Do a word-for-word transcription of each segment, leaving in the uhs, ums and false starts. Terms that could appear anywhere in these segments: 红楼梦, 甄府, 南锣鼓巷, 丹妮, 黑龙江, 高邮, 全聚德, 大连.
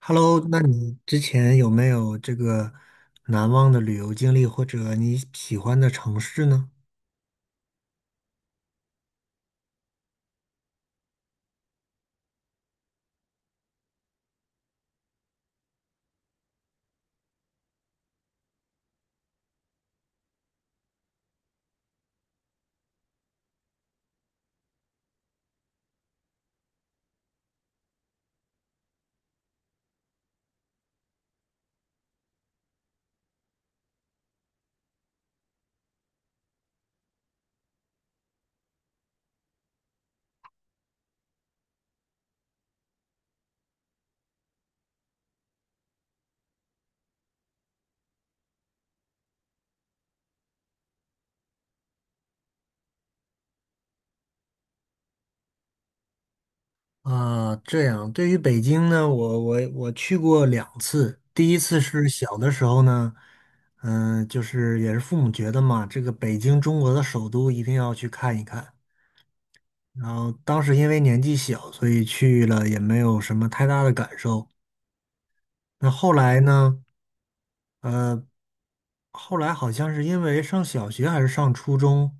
Hello，那你之前有没有这个难忘的旅游经历，或者你喜欢的城市呢？啊，这样，对于北京呢，我我我去过两次，第一次是小的时候呢，嗯，就是也是父母觉得嘛，这个北京中国的首都一定要去看一看。然后当时因为年纪小，所以去了也没有什么太大的感受。那后来呢，呃，后来好像是因为上小学还是上初中。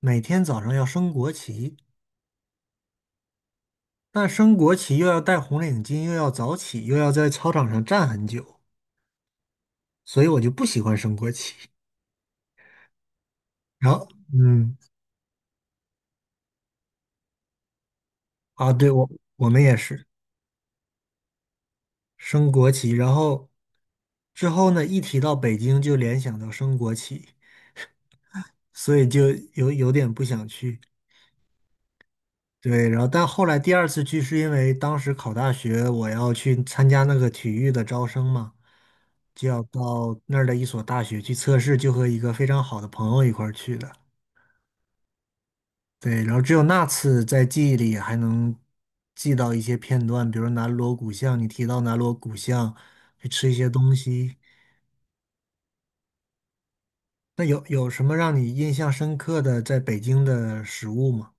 每天早上要升国旗，那升国旗又要戴红领巾，又要早起，又要在操场上站很久，所以我就不喜欢升国旗。然后，嗯，啊，对，我我们也是升国旗，然后之后呢，一提到北京就联想到升国旗，所以就有有点不想去。对，然后但后来第二次去是因为当时考大学，我要去参加那个体育的招生嘛，就要到那儿的一所大学去测试，就和一个非常好的朋友一块儿去的。对，然后只有那次在记忆里还能记到一些片段，比如南锣鼓巷，你提到南锣鼓巷去吃一些东西，那有有什么让你印象深刻的在北京的食物吗？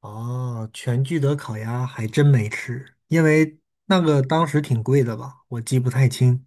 哦，全聚德烤鸭还真没吃，因为那个当时挺贵的吧，我记不太清。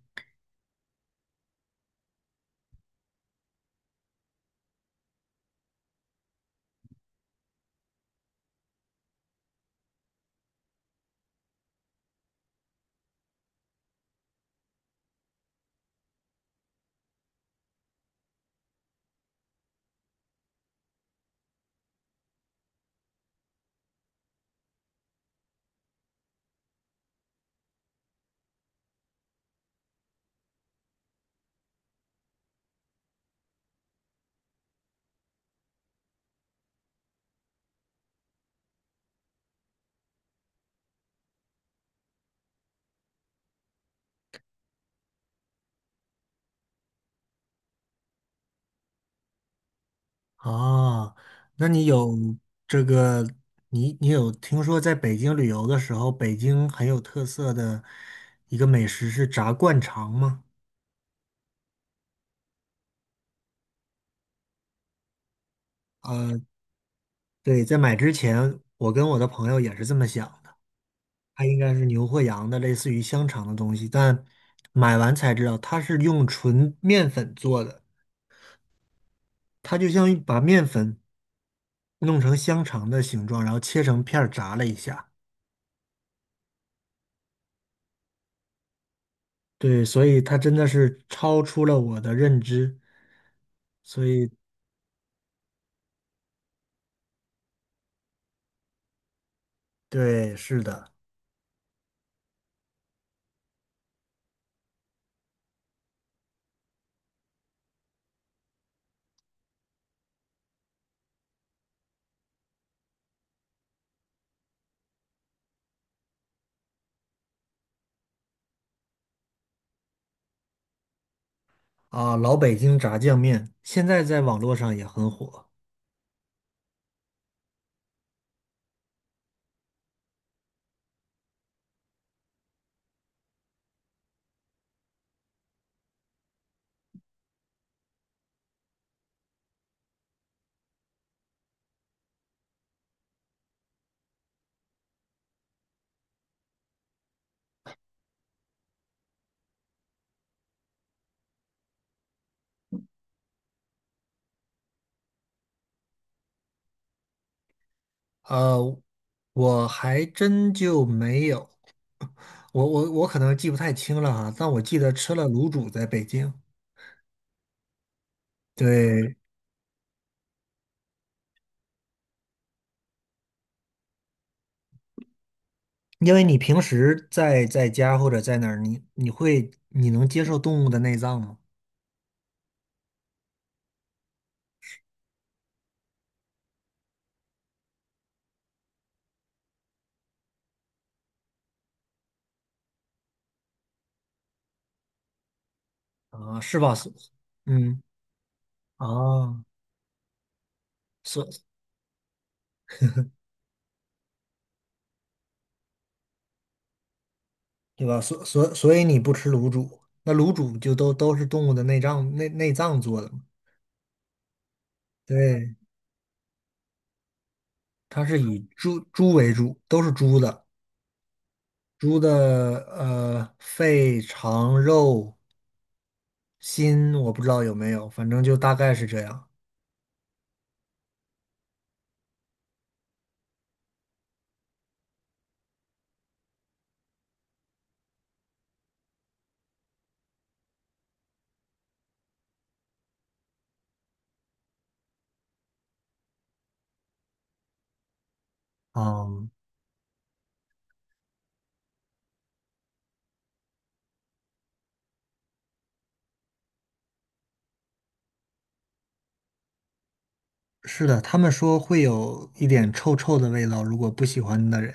啊。那你有这个，你你有听说在北京旅游的时候，北京很有特色的一个美食是炸灌肠吗？呃，对，在买之前，我跟我的朋友也是这么想的，它应该是牛或羊的，类似于香肠的东西，但买完才知道它是用纯面粉做的，它就像一把面粉。弄成香肠的形状，然后切成片儿炸了一下。对，所以它真的是超出了我的认知。所以，对，是的，啊，老北京炸酱面现在在网络上也很火。呃，我还真就没有，我我我可能记不太清了哈，但我记得吃了卤煮在北京。对，因为你平时在在家或者在哪儿，你你会你能接受动物的内脏吗？啊，是吧？是。嗯，啊。所对吧？所所所以你不吃卤煮，那卤煮就都都是动物的内脏内内脏做的嘛？对，它是以猪猪为主，都是猪的，猪的呃肺、肠、肉、心，我不知道有没有，反正就大概是这样。嗯，是的，他们说会有一点臭臭的味道，如果不喜欢的人。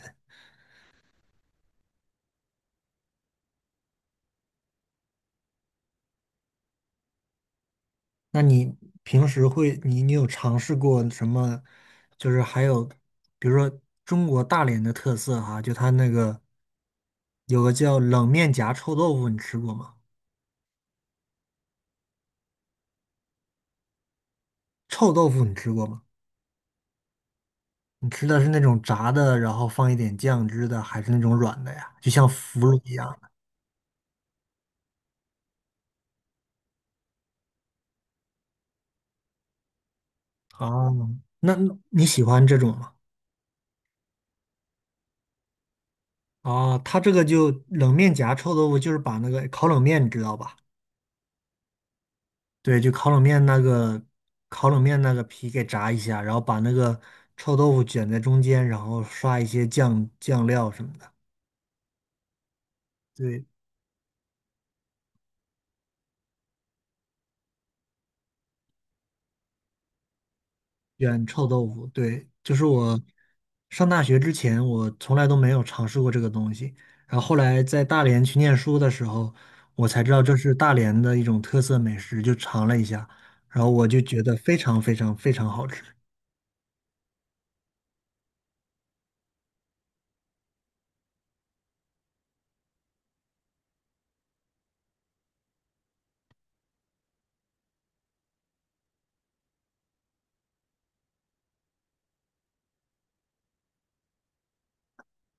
那你平时会，你你有尝试过什么？就是还有，比如说中国大连的特色哈，就它那个有个叫冷面夹臭豆腐，你吃过吗？臭豆腐你吃过吗？你吃的是那种炸的，然后放一点酱汁的，还是那种软的呀？就像腐乳一样的。哦，那那你喜欢这种吗？哦，它这个就冷面夹臭豆腐，就是把那个烤冷面，你知道吧？对，就烤冷面那个烤冷面那个皮给炸一下，然后把那个臭豆腐卷在中间，然后刷一些酱酱料什么的。对，卷臭豆腐，对，就是我上大学之前，我从来都没有尝试过这个东西。然后后来在大连去念书的时候，我才知道这是大连的一种特色美食，就尝了一下，然后我就觉得非常非常非常好吃，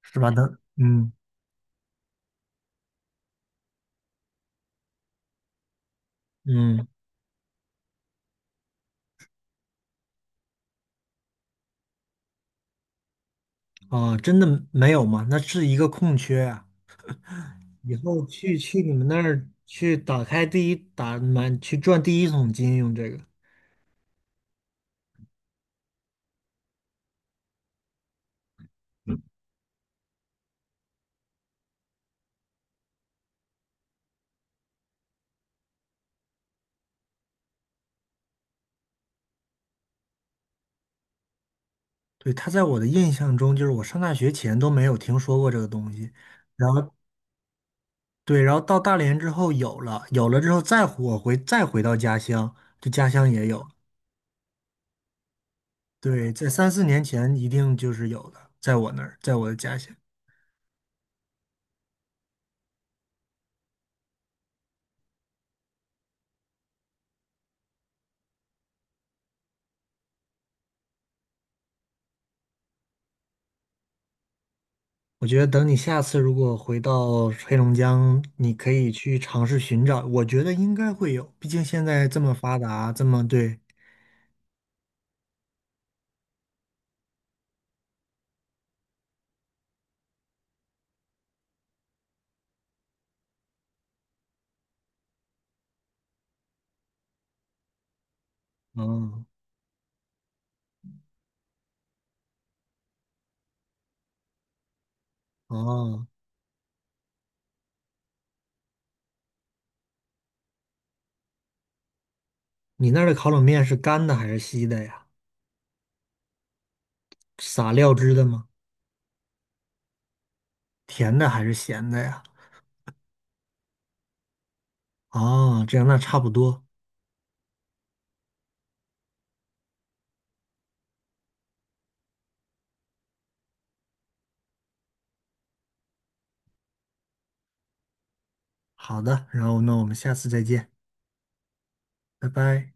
十八那嗯嗯。啊，真的没有吗？那是一个空缺啊。以后去去你们那儿去打开第一打满去赚第一桶金用这个。对，它在我的印象中，就是我上大学前都没有听说过这个东西，然后对，然后到大连之后有了，有了之后再我回再回到家乡，就家乡也有。对，在三四年前一定就是有的，在我那儿，在我的家乡。我觉得等你下次如果回到黑龙江，你可以去尝试寻找，我觉得应该会有，毕竟现在这么发达，这么对，嗯。哦，你那儿的烤冷面是干的还是稀的呀？撒料汁的吗？甜的还是咸的呀？哦，这样那差不多。好的，然后那我们下次再见，拜拜。